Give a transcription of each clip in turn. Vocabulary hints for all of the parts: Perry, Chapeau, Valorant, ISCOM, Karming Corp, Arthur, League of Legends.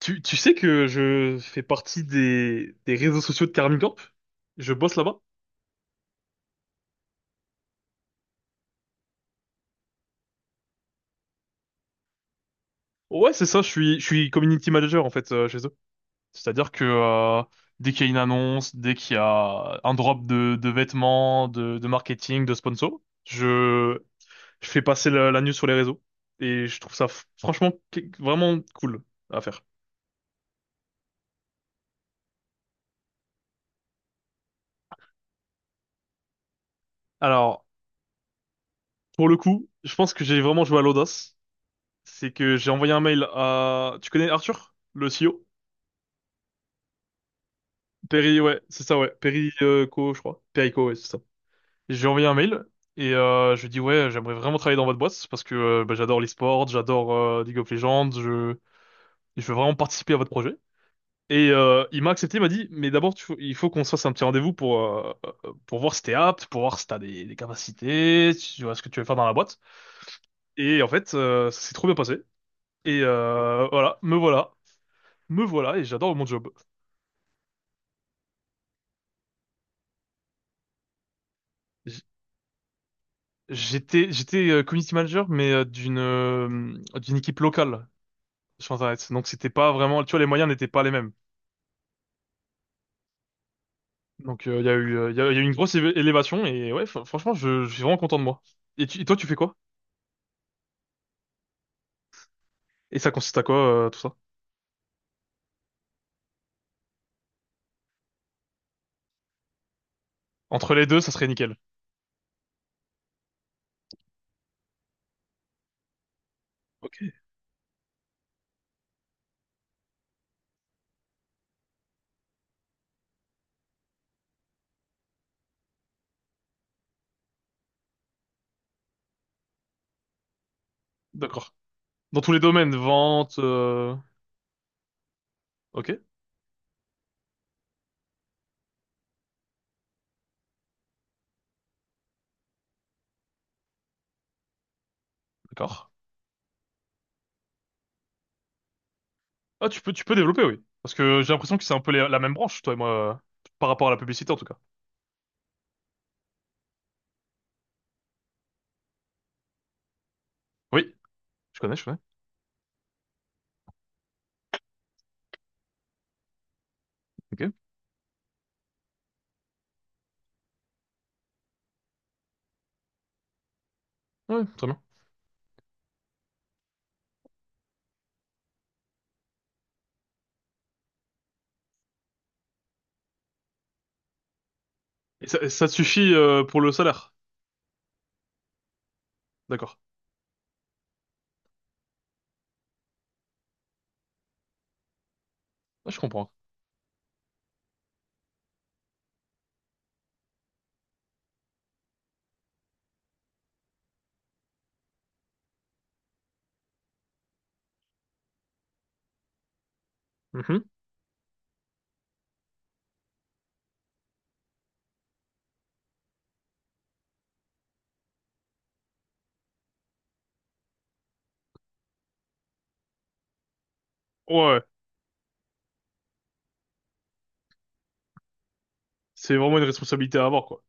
Tu sais que je fais partie des réseaux sociaux de Karming Corp? Je bosse là-bas? Ouais, c'est ça, je suis community manager en fait chez eux. C'est-à-dire que dès qu'il y a une annonce, dès qu'il y a un drop de vêtements, de marketing, de sponsor, je fais passer la news sur les réseaux. Et je trouve ça vraiment cool à faire. Alors, pour le coup, je pense que j'ai vraiment joué à l'audace. C'est que j'ai envoyé un mail à... Tu connais Arthur, le CEO? Perry, ouais, c'est ça, ouais. Perry Co, je crois. Perry ouais, c'est ça. Et j'ai envoyé un mail et je lui ai dit, ouais, j'aimerais vraiment travailler dans votre boîte parce que bah, j'adore l'e-sport, j'adore League of Legends, je veux vraiment participer à votre projet. Et il m'a accepté, il m'a dit, mais d'abord, il faut qu'on se fasse un petit rendez-vous pour voir si t'es apte, pour voir si t'as des capacités, si tu vois ce que tu veux faire dans la boîte. Et en fait, ça s'est trop bien passé. Et voilà, me voilà, me voilà, et j'adore mon job. J'étais community manager mais d'une d'une équipe locale sur Internet. Donc c'était pas vraiment, tu vois, les moyens n'étaient pas les mêmes. Donc il y a il y a eu une grosse élévation et ouais franchement je suis vraiment content de moi. Et, et toi tu fais quoi? Et ça consiste à quoi tout ça? Entre les deux ça serait nickel. Ok. D'accord. Dans tous les domaines vente ok, d'accord. Ah, tu peux développer, oui, parce que j'ai l'impression que c'est un peu la même branche toi et moi par rapport à la publicité en tout cas. Oui, je connais. Ok. Ouais, très bien. Et ça te suffit pour le salaire? D'accord. Ah, je comprends. Mhm. Ouais, c'est vraiment une responsabilité à avoir, quoi.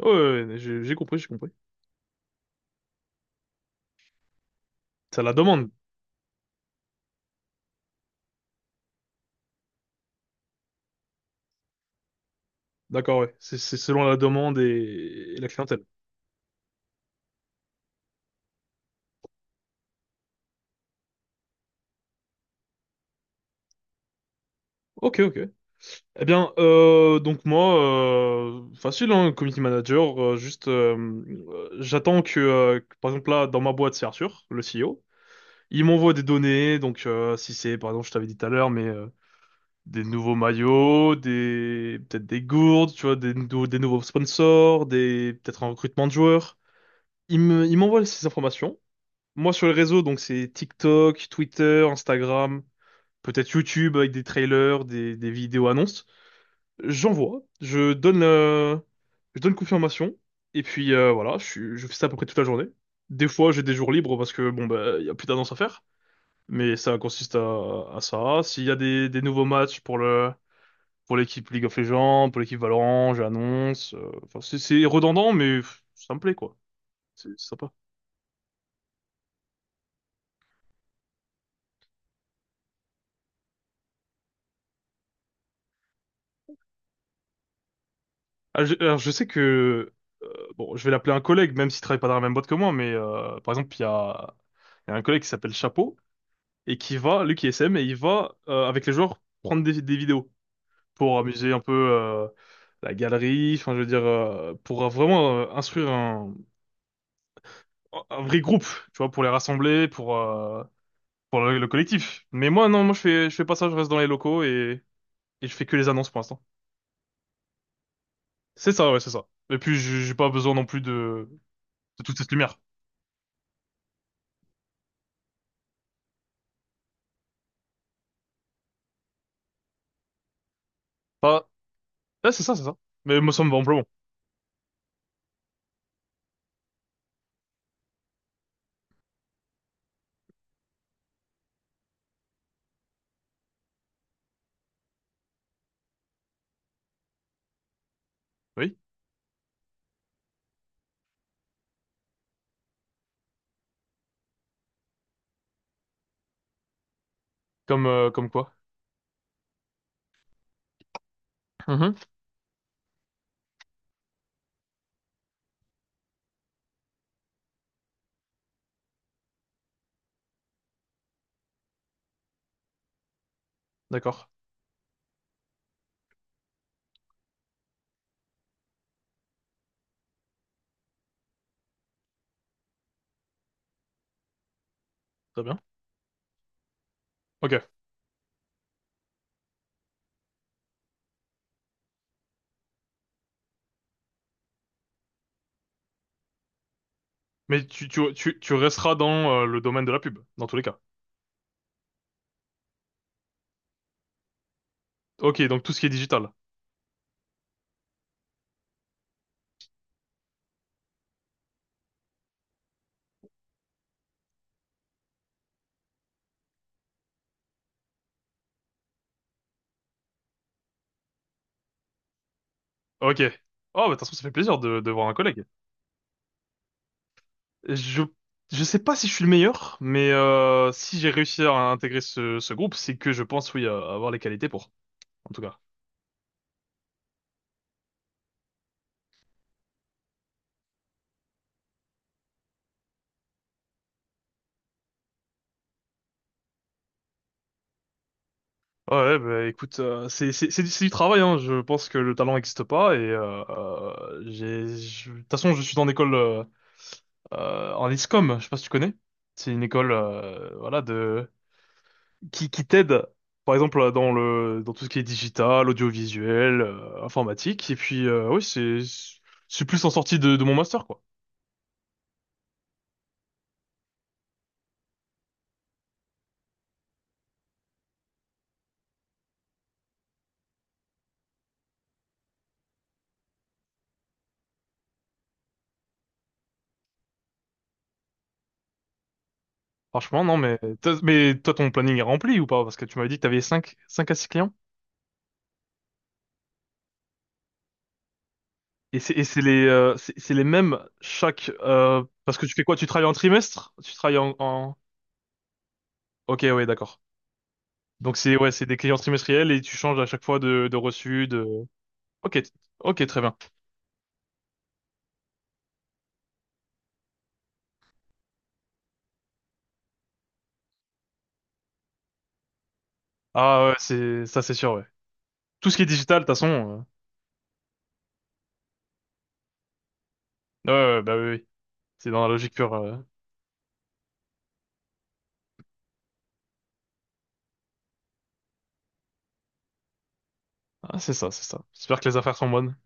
Ouais, ouais, ouais, j'ai compris. Ça la demande. D'accord, ouais. C'est selon la demande et la clientèle. Ok, ok. Eh bien, donc moi, facile, hein, community manager, juste, j'attends que, par exemple, là, dans ma boîte, c'est Arthur, le CEO. Il m'envoie des données, donc si c'est, par exemple, je t'avais dit tout à l'heure, mais des nouveaux maillots, des peut-être des gourdes, tu vois, des nouveaux sponsors, des peut-être un recrutement de joueurs. Il m'envoie ces informations. Moi sur les réseaux, donc c'est TikTok, Twitter, Instagram, peut-être YouTube avec des trailers, des vidéos annonces. J'envoie, je donne confirmation et puis voilà, je fais ça à peu près toute la journée. Des fois, j'ai des jours libres parce que bon bah il y a plus d'annonces à faire, mais ça consiste à ça. S'il y a des nouveaux matchs pour le pour l'équipe League of Legends, pour l'équipe Valorant, j'annonce. Enfin, c'est redondant, mais pff, ça me plaît, quoi. C'est sympa. Alors, je sais que... bon, je vais l'appeler un collègue, même s'il travaille pas dans la même boîte que moi, mais par exemple, il y a un collègue qui s'appelle Chapeau, et qui va, lui qui est SM, et il va, avec les joueurs, prendre des vidéos pour amuser un peu la galerie, enfin, je veux dire, pour vraiment instruire un vrai groupe, tu vois, pour les rassembler, pour le collectif. Mais moi, non, moi, je fais pas ça, je reste dans les locaux et je fais que les annonces pour l'instant. C'est ça, ouais, c'est ça. Et puis, j'ai pas besoin non plus de toute cette lumière. Pas, ah, c'est ça, c'est ça. Mais moi, ça me va amplement. Oui. Comme, comme quoi. Mhm. D'accord. Très bien. Ok. Mais tu resteras dans le domaine de la pub, dans tous les cas. Ok, donc tout ce qui est digital. Ok. Oh, bah, de toute façon, ça fait plaisir de voir un collègue. Je, je sais pas si je suis le meilleur, mais si j'ai réussi à intégrer ce, ce groupe, c'est que je pense, oui, à avoir les qualités pour. En tout cas. Ouais, bah écoute, c'est du travail, hein. Je pense que le talent n'existe pas et de toute façon je suis dans l'école en ISCOM, je sais pas si tu connais. C'est une école voilà de qui t'aide par exemple dans tout ce qui est digital, audiovisuel, informatique et puis oui, c'est plus en sortie de mon master, quoi. Franchement non mais mais toi ton planning est rempli ou pas? Parce que tu m'avais dit que t'avais cinq à 6 clients. Et c'est les c'est les mêmes chaque parce que tu fais quoi? Tu travailles en trimestre? Tu travailles en, en... Ok, ouais, d'accord. Donc c'est ouais, c'est des clients trimestriels et tu changes à chaque fois de reçu de Ok, ok, très bien. Ah ouais, c'est ça c'est sûr ouais. Tout ce qui est digital, de toute façon, ouais, ouais, ouais, bah oui, oui. C'est dans la logique pure. Ah, c'est ça, c'est ça. J'espère que les affaires sont bonnes.